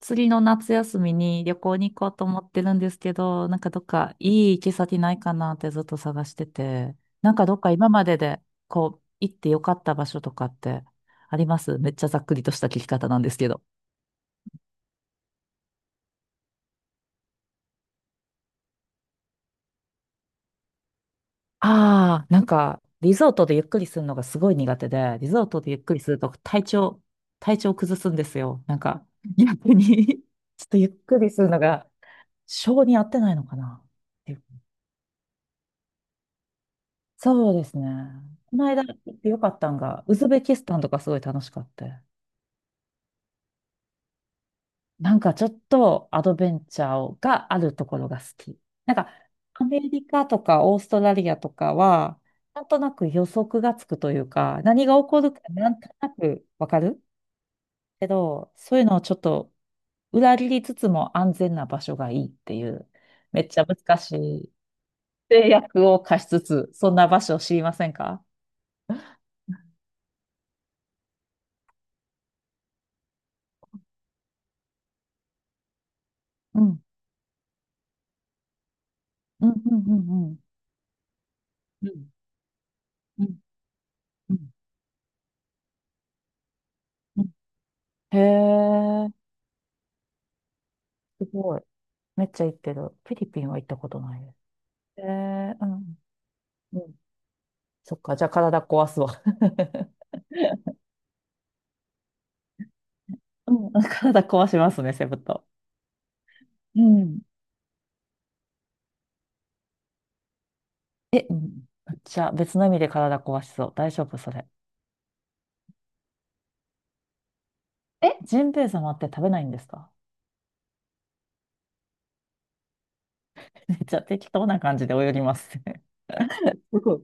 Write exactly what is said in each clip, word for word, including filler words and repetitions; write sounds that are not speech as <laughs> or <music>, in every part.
次の夏休みに旅行に行こうと思ってるんですけど、なんかどっかいい行き先ないかなってずっと探してて、なんかどっか今まででこう行ってよかった場所とかってあります？めっちゃざっくりとした聞き方なんですけど。ああ、なんかリゾートでゆっくりするのがすごい苦手で、リゾートでゆっくりすると体調、体調崩すんですよ。なんか逆に。 <laughs> ちょっとゆっくりするのが性に合ってないのかな。そうですね。この間行ってよかったんが、ウズベキスタンとかすごい楽しかった。なんかちょっとアドベンチャーがあるところが好き。なんかアメリカとかオーストラリアとかは、なんとなく予測がつくというか、何が起こるかなんとなくわかるけど、そういうのをちょっと裏切りつつも安全な場所がいいっていう、めっちゃ難しい制約を課しつつ、そんな場所を知りませんか？うん。うんうんうんうん。うんうんうんうん。へえ、すごい。めっちゃ行ってる。フィリピンは行ったことないです。へえ、うん。うん。そっか、じゃあ体壊すわ。<laughs> うん、体壊しますね、セブ島。うん。え、うん。じゃあ別の意味で体壊しそう。大丈夫、それ？え、ジンベエ様って食べないんですか？ <laughs> めっちゃ適当な感じで泳ぎますね。すごい。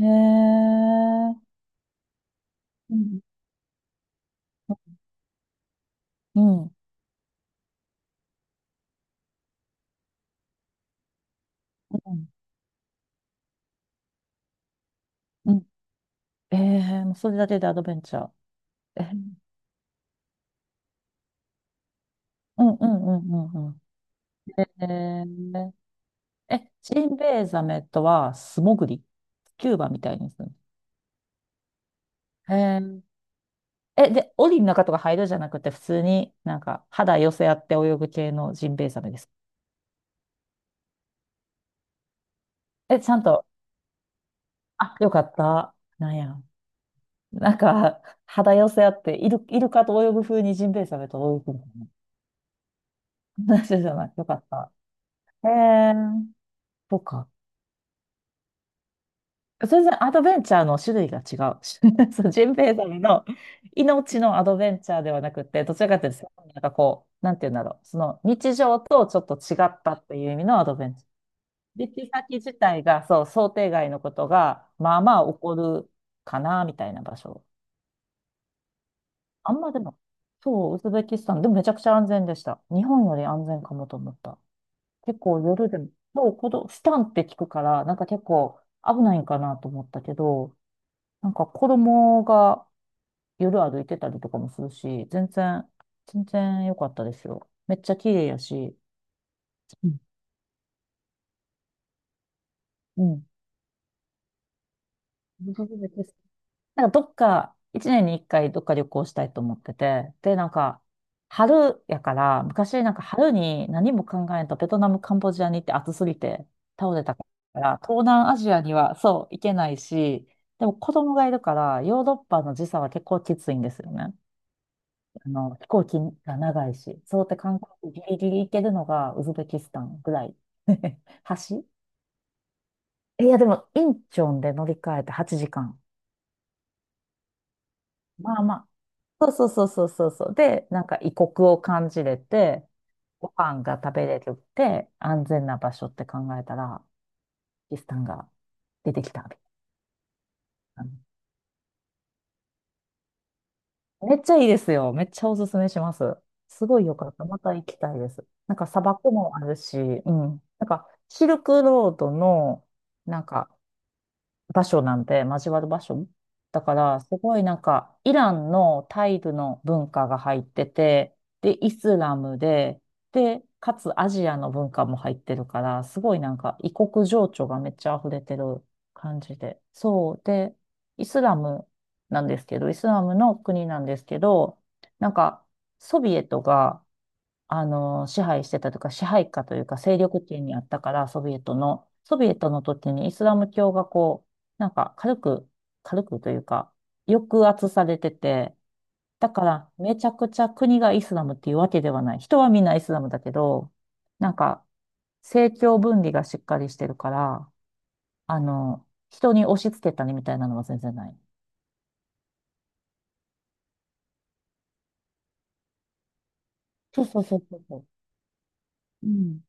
えー、えー、うん。うん。うん。うん。えー、もうそれだけでアドベンチャー。うんうんうんうんうん。えー、え、ジンベエザメとは素潜りスキューバみたいにするの？へー。え、で、檻の中とか入るじゃなくて、普通になんか肌寄せ合って泳ぐ系のジンベエザメですか？え、ちゃんと、あ、よかった。なんや。なんか、肌寄せ合って、イル、イルカと泳ぐ風にジンベエザメと泳ぐみたいな話？ <laughs> じゃない。よかった。へえ、そうか。全然アドベンチャーの種類が違う。<laughs> そう、ジンベエザメの命のアドベンチャーではなくて、どちらかというと、なんかこう、なんて言うんだろう。その日常とちょっと違ったっていう意味のアドベンチャー。リッチ先自体が、そう、想定外のことが、まあまあ起こるかな、みたいな場所。あんまでも、そう、ウズベキスタン、でもめちゃくちゃ安全でした。日本より安全かもと思った。結構夜でも、そう、このスタンって聞くから、なんか結構危ないんかなと思ったけど、なんか子供が夜歩いてたりとかもするし、全然、全然良かったですよ。めっちゃ綺麗やし。うん。うん。そうです。なんかどっか、一年に一回どっか旅行したいと思ってて、で、なんか、春やから、昔なんか春に何も考えんとベトナム、カンボジアに行って暑すぎて倒れたから、東南アジアにはそう、行けないし、でも子供がいるから、ヨーロッパの時差は結構きついんですよね。あの、飛行機が長いし、そうやって韓国ギリギリ行けるのがウズベキスタンぐらい。<laughs> 橋。えいや、でも、インチョンで乗り換えてはちじかん。まあまあ。そうそうそうそうそうそう。で、なんか異国を感じれて、ご飯が食べれるって安全な場所って考えたら、キスタンが出てきたみたいな。めっちゃいいですよ。めっちゃおすすめします。すごいよかった。また行きたいです。なんか砂漠もあるし、うん。なんかシルクロードの、なんか場所なんで、交わる場所。だから、すごいなんか、イランのタイルの文化が入ってて、で、イスラムで、で、かつアジアの文化も入ってるから、すごいなんか、異国情緒がめっちゃ溢れてる感じで。そう。で、イスラムなんですけど、イスラムの国なんですけど、なんか、ソビエトがあの、支配してたというか、支配下というか、勢力圏にあったから、ソビエトの、ソビエトの時にイスラム教がこう、なんか軽く、軽くというか、抑圧されてて、だから、めちゃくちゃ国がイスラムっていうわけではない。人はみんなイスラムだけど、なんか、政教分離がしっかりしてるから、あの、人に押し付けたりみたいなのは全然ない。そうそうそうそうそう。うん。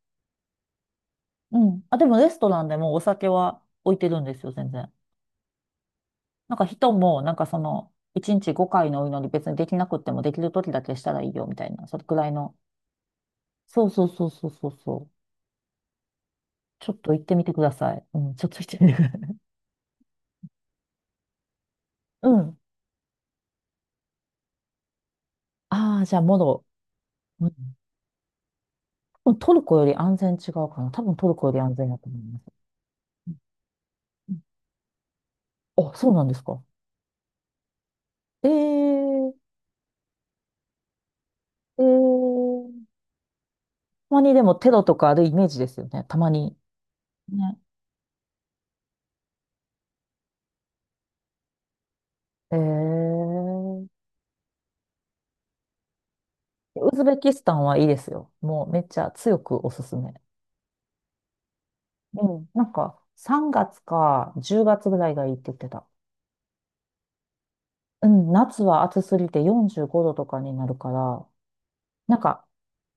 うん。あ、でもレストランでもお酒は置いてるんですよ、全然。なんか人も、なんかその、いちにちごかいのお祈り別にできなくってもできる時だけしたらいいよみたいな、それくらいの。そうそうそうそうそうそう。ちょっと行ってみてください。うん、ちょっと行ってみてください。<laughs> うん。ああ、じゃあ、モロ。うん。多分トルコより安全違うかな。多分トルコより安全だと思います。うんうん。あ、そうなんですか。ええ。えー。たまにでもテロとかあるイメージですよね。たまに。ね。ええ。ウズベキスタンはいいですよ。もうめっちゃ強くおすすめ。うん、なんかさんがつかじゅうがつぐらいがいいって言ってた。うん、夏は暑すぎてよんじゅうごどとかになるから、なんか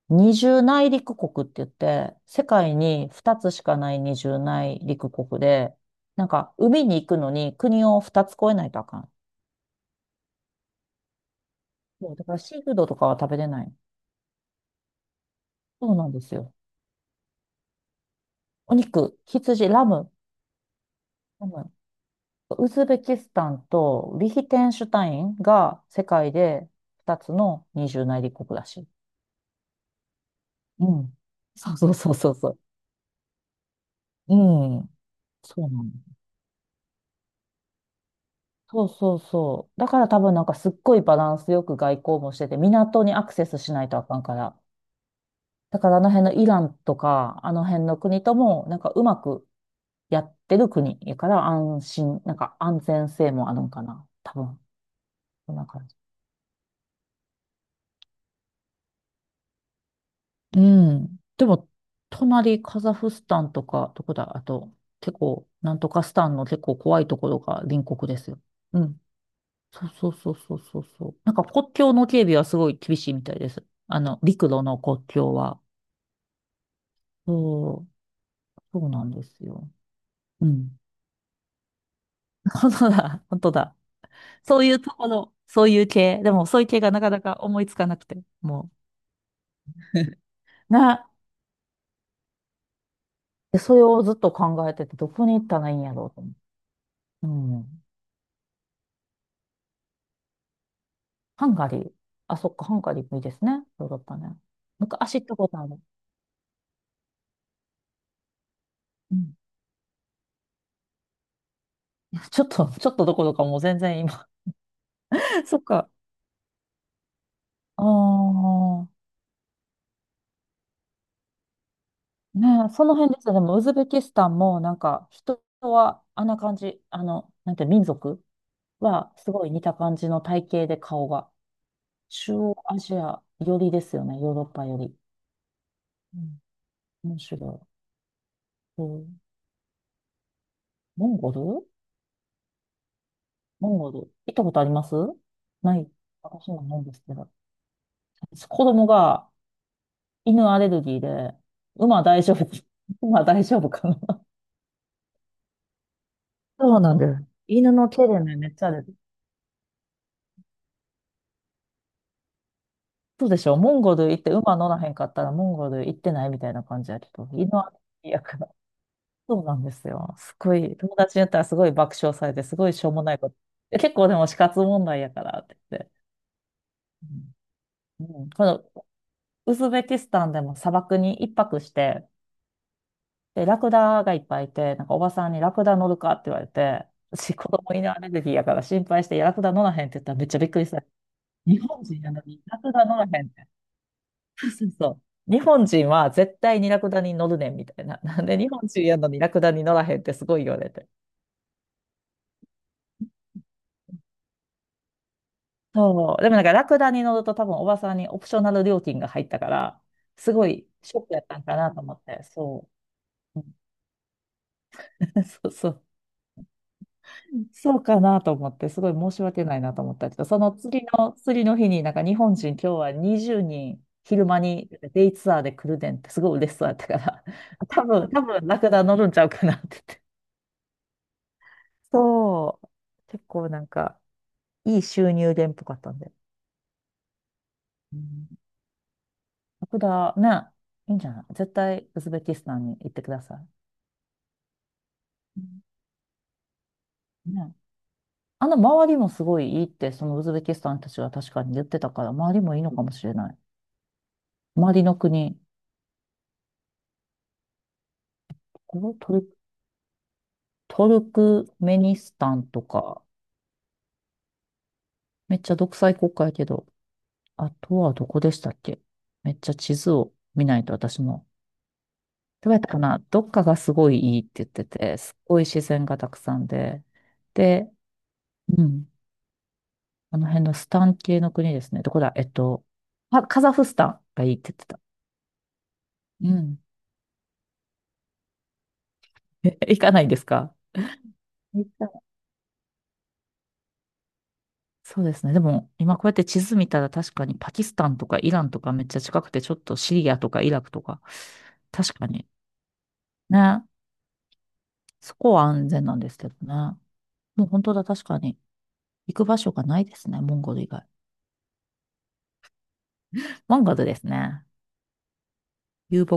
二重内陸国って言って、世界にふたつしかない二重内陸国で、なんか海に行くのに国をふたつ越えないとあかん。そう、だからシーフードとかは食べれない。そうなんですよ。お肉、羊、ラム、ラム。ウズベキスタンとリヒテンシュタインが世界でふたつの二重内陸国らしい。うん。そうそうそうそうそう。うん。そうなの。そうそうそう。だから多分なんかすっごいバランスよく外交もしてて、港にアクセスしないとあかんから。だからあの辺のイランとか、あの辺の国とも、なんかうまくやってる国やから安心、なんか安全性もあるんかな。多分。そんな感じ。うん。でも、隣カザフスタンとか、どこだ、あと、結構、なんとかスタンの結構怖いところが隣国ですよ。うん。そうそうそうそうそうそう。なんか国境の警備はすごい厳しいみたいです。あの、陸路の国境は。そう、そうなんですよ。うん。<laughs> 本当だ、本当だ。そういうところ、そういう系。でも、そういう系がなかなか思いつかなくて、もう。<laughs> な、でそれをずっと考えてて、どこに行ったらいいんやろうと思う。うん。ハンガリー。あ、そっか、ハンガリーもいいですね。ヨーロッパね。昔行ったことある。うん。<laughs> ちょっと、ちょっとどころかもう全然今。<laughs> そっか。ああ。ねえ、その辺ですよ。でも、ウズベキスタンも、なんか、人は、あんな感じ、あの、なんて、民族は、すごい似た感じの体型で顔が。中央アジア寄りですよね、ヨーロッパより。うん、面白い。うん、モンゴルモンゴル行ったことありますない。私もないんですけど。子供が犬アレルギーで、馬大丈夫、<laughs> 馬大丈夫かな。そうなんです。犬の毛でね、めっちゃある。そうでしょモンゴル行って馬乗らへんかったらモンゴル行ってないみたいな感じやけど、犬はやから。そうなんですよ。すごい、友達に言ったらすごい爆笑されて、すごいしょうもないこと。え結構でも死活問題やからって言って。うんうん、このウズベキスタンでも砂漠に一泊して、で、ラクダがいっぱいいて、なんかおばさんにラクダ乗るかって言われて、私子供犬アレルギーやから心配して、いやラクダ乗らへんって言ったらめっちゃびっくりした。日本人やのにラクダ乗らへんって。そうそうそう。日本人は絶対にラクダに乗るねんみたいな。<laughs> なんで日本人やのにラクダに乗らへんってすごい言われて。そう。でもなんかラクダに乗ると多分おばさんにオプショナル料金が入ったから、すごいショックやったんかなと思って。そう。うん <laughs> そうそう。そうかなと思って、すごい申し訳ないなと思ったけど、その次の、次の日になんか日本人今日はにじゅうにん昼間にデイツアーで来るねんってすごい嬉しそうやったから、<laughs> 多分、多分ラクダ乗るんちゃうかなってそう。結構なんか、いい収入源っぽかったんで。うん。だ。ね。いいんじゃない絶対、ウズベキスタンに行ってください。うんね。あの、周りもすごいいいって、そのウズベキスタンたちは確かに言ってたから、周りもいいのかもしれない。周りの国、このトル、トルクメニスタンとか、めっちゃ独裁国家やけど、あとはどこでしたっけ、めっちゃ地図を見ないと私も。どうやったかなどっかがすごいいいって言ってて、すっごい自然がたくさんで。で、うん。あの辺のスタン系の国ですね。どこだえっと、あ、カザフスタンがいいって言ってた。うん。え、<laughs> 行かないですか、行ったらそうですね。でも、今こうやって地図見たら確かにパキスタンとかイランとかめっちゃ近くて、ちょっとシリアとかイラクとか、確かに。ね。そこは安全なんですけどね。もう本当だ、確かに。行く場所がないですね。モンゴル以外。モンゴルですね。遊牧